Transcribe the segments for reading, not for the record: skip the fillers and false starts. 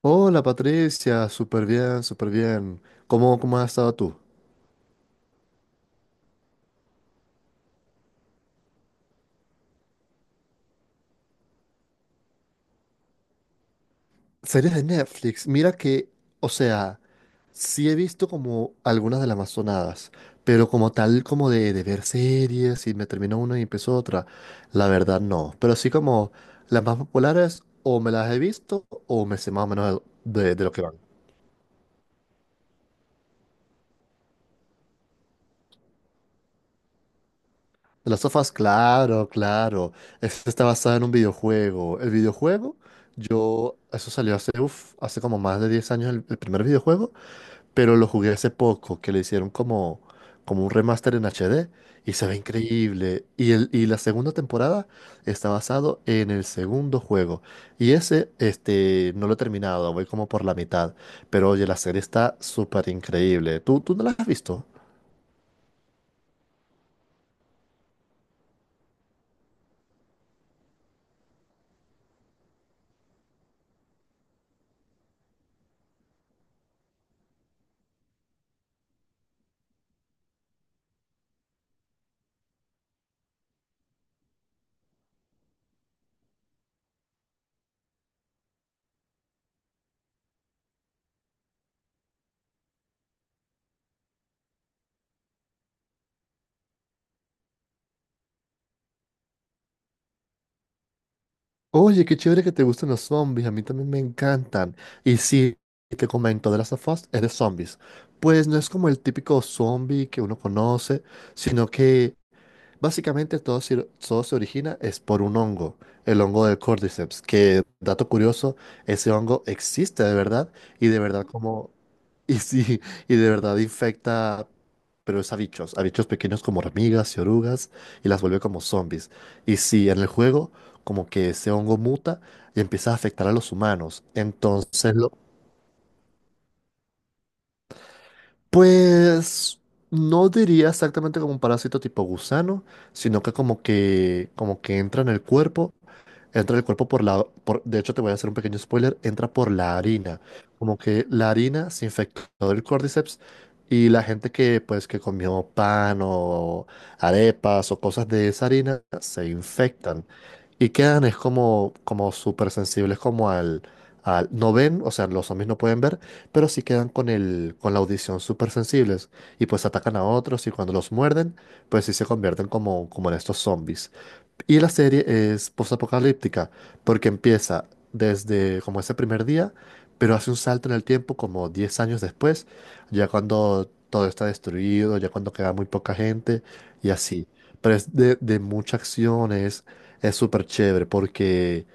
Hola Patricia, súper bien, súper bien. ¿Cómo has estado tú? Series de Netflix, mira que, o sea, sí he visto como algunas de las más sonadas, pero como tal, como de ver series y me terminó una y empezó otra, la verdad no. Pero sí como las más populares o me las he visto o me sé más o menos de lo que van. De Las sofás, claro, claro. Este está basado en un videojuego. El videojuego, yo, eso salió hace, hace como más de 10 años el primer videojuego, pero lo jugué hace poco, que le hicieron como, como un remaster en HD y se ve increíble. Y, el, y la segunda temporada está basado en el segundo juego. Y ese, este, no lo he terminado, voy como por la mitad. Pero oye, la serie está súper increíble. ¿Tú no la has visto? Oye, qué chévere que te gusten los zombies, a mí también me encantan. Y sí, te comento, The Last of Us es de zombies. Pues no es como el típico zombie que uno conoce, sino que básicamente todo se origina es por un hongo, el hongo del Cordyceps, que, dato curioso, ese hongo existe de verdad y de verdad como Y sí, y de verdad infecta, pero es a bichos pequeños como hormigas y orugas, y las vuelve como zombies. Y sí, en el juego, como que ese hongo muta y empieza a afectar a los humanos. Entonces, lo, pues, no diría exactamente como un parásito tipo gusano, sino que como que entra en el cuerpo. Entra el cuerpo por la... por- de hecho, te voy a hacer un pequeño spoiler. Entra por la harina. Como que la harina se infectó del Cordyceps y la gente que, pues, que comió pan o arepas o cosas de esa harina se infectan. Y quedan es como, como súper sensibles como al... No ven, o sea, los zombies no pueden ver, pero sí quedan con con la audición súper sensibles. Y pues atacan a otros y cuando los muerden, pues sí se convierten como, como en estos zombies. Y la serie es postapocalíptica, porque empieza desde como ese primer día, pero hace un salto en el tiempo como 10 años después, ya cuando todo está destruido, ya cuando queda muy poca gente y así. Pero es de mucha acción, es súper chévere porque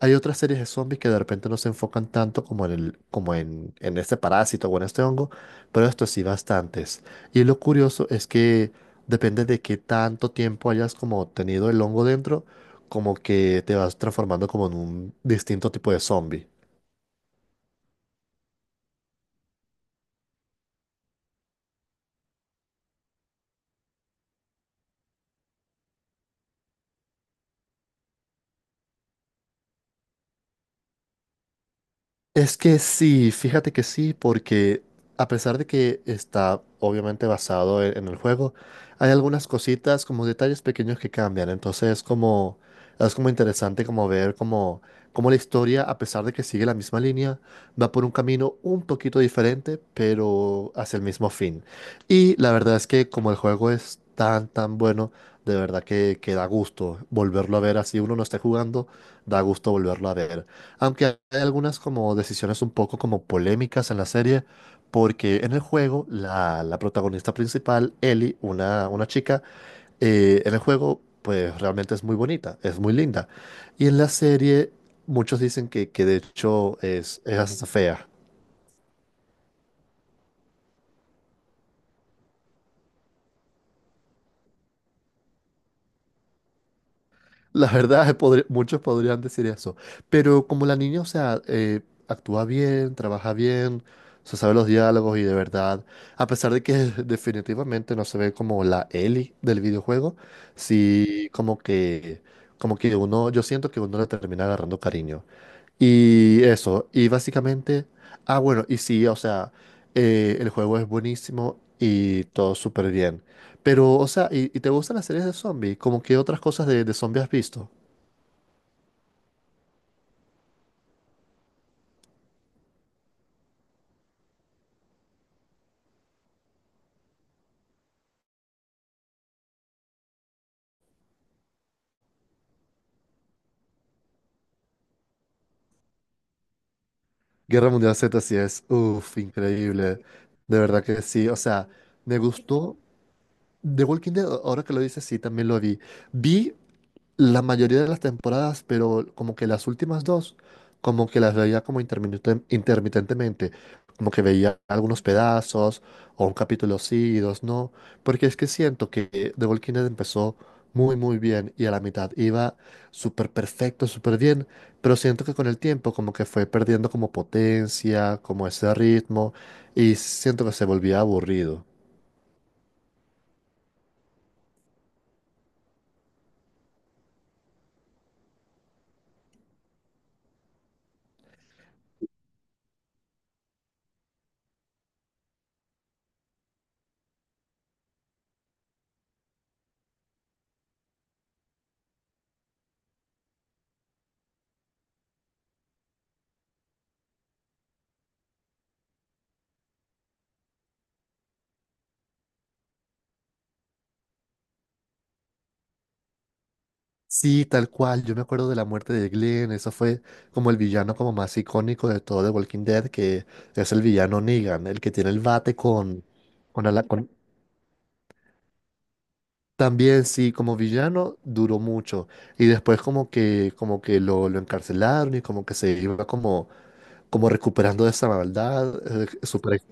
hay otras series de zombies que de repente no se enfocan tanto como en el, en este parásito o en este hongo, pero esto sí bastantes. Y lo curioso es que depende de qué tanto tiempo hayas como tenido el hongo dentro, como que te vas transformando como en un distinto tipo de zombie. Es que sí, fíjate que sí, porque a pesar de que está obviamente basado en el juego, hay algunas cositas como detalles pequeños que cambian. Entonces es como interesante como como la historia, a pesar de que sigue la misma línea, va por un camino un poquito diferente, pero hacia el mismo fin. Y la verdad es que como el juego es tan, tan bueno, de verdad que da gusto volverlo a ver así uno no esté jugando, da gusto volverlo a ver. Aunque hay algunas como decisiones un poco como polémicas en la serie, porque en el juego la protagonista principal, Ellie, una chica, en el juego pues realmente es muy bonita, es muy linda. Y en la serie muchos dicen que de hecho es hasta fea. La verdad, muchos podrían decir eso. Pero como la niña, actúa bien, trabaja bien, se sabe los diálogos y de verdad, a pesar de que definitivamente no se ve como la Ellie del videojuego, sí como que uno, yo siento que uno le termina agarrando cariño. Y eso, y básicamente, bueno, y sí, el juego es buenísimo y todo súper bien. Pero, o sea, ¿y te gustan las series de zombies? ¿Como que otras cosas de zombies has visto? Guerra Mundial Z sí es, uff, increíble. De verdad que sí, o sea, me gustó. The Walking Dead, ahora que lo dices, sí, también lo vi. Vi la mayoría de las temporadas, pero como que las últimas dos, como que las veía como intermitentemente, como que veía algunos pedazos, o un capítulo sí y dos no, porque es que siento que The Walking Dead empezó muy muy bien y a la mitad iba súper perfecto, súper bien, pero siento que con el tiempo como que fue perdiendo como potencia, como ese ritmo, y siento que se volvía aburrido. Sí, tal cual. Yo me acuerdo de la muerte de Glenn. Eso fue como el villano como más icónico de todo The Walking Dead, que es el villano Negan, el que tiene el bate con, con, ala- con- También sí, como villano duró mucho. Y después como que lo encarcelaron y como que se iba como, como recuperando de esa maldad, super.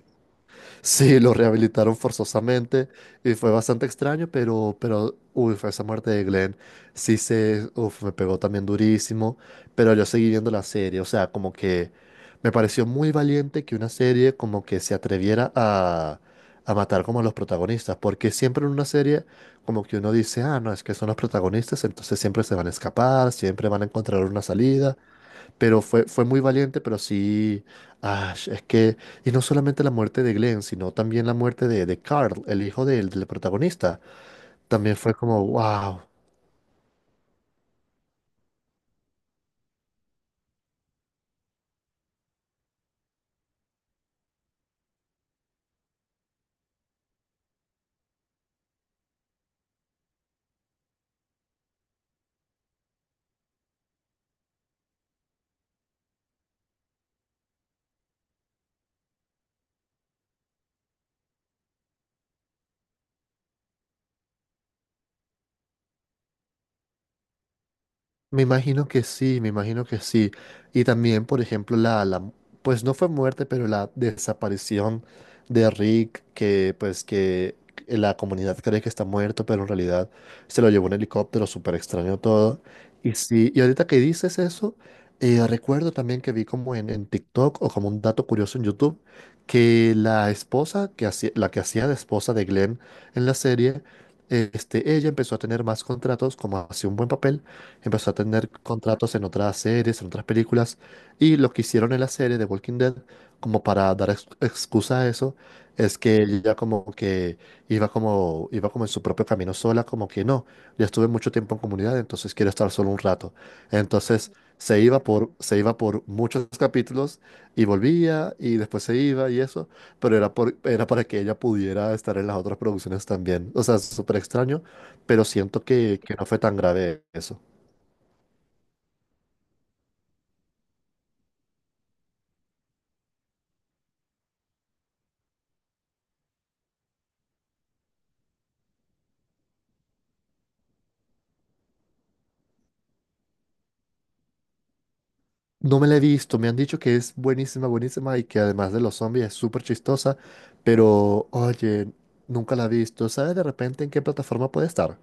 Sí, lo rehabilitaron forzosamente y fue bastante extraño, pero, uy, fue esa muerte de Glenn. Sí se, uf, me pegó también durísimo, pero yo seguí viendo la serie, o sea, como que me pareció muy valiente que una serie como que se atreviera a matar como a los protagonistas, porque siempre en una serie como que uno dice, ah, no, es que son los protagonistas, entonces siempre se van a escapar, siempre van a encontrar una salida, pero fue, fue muy valiente, pero sí, ah, es que, y no solamente la muerte de Glenn, sino también la muerte de Carl, el hijo del protagonista. También fue como, wow. Me imagino que sí, me imagino que sí. Y también, por ejemplo, pues no fue muerte, pero la desaparición de Rick, que pues que la comunidad cree que está muerto, pero en realidad se lo llevó un helicóptero, súper extraño todo. Y sí, y ahorita que dices eso, recuerdo también que vi como en TikTok o como un dato curioso en YouTube, que la esposa, que hacía, la que hacía de esposa de Glenn en la serie, este, ella empezó a tener más contratos como hacía un buen papel, empezó a tener contratos en otras series, en otras películas, y lo que hicieron en la serie de Walking Dead, como para dar excusa a eso, es que ella como que iba como en su propio camino sola, como que no, ya estuve mucho tiempo en comunidad, entonces quiero estar solo un rato. Entonces se iba por muchos capítulos y volvía y después se iba y eso, pero era, por, era para que ella pudiera estar en las otras producciones también. O sea, súper extraño, pero siento que no fue tan grave eso. No me la he visto, me han dicho que es buenísima, buenísima y que además de los zombies es súper chistosa, pero oye, nunca la he visto. ¿Sabes de repente en qué plataforma puede estar?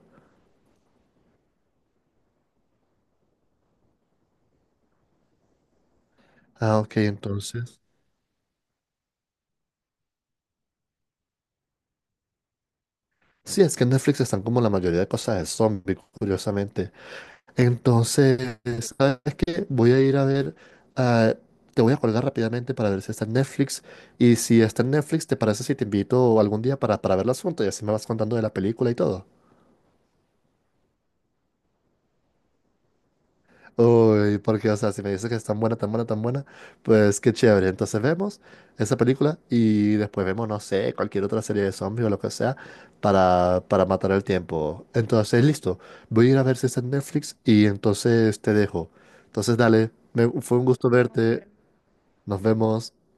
Ah, ok, entonces. Sí, es que en Netflix están como la mayoría de cosas de zombies, curiosamente. Entonces, ¿sabes qué? Voy a ir a ver, ah, te voy a colgar rápidamente para ver si está en Netflix y si está en Netflix, ¿te parece si te invito algún día para verla juntos y así me vas contando de la película y todo? Uy, porque, o sea, si me dices que es tan buena, tan buena, tan buena, pues qué chévere. Entonces vemos esa película y después vemos, no sé, cualquier otra serie de zombies o lo que sea para matar el tiempo. Entonces, listo, voy a ir a ver si está en Netflix y entonces te dejo. Entonces, dale, fue un gusto verte, nos vemos.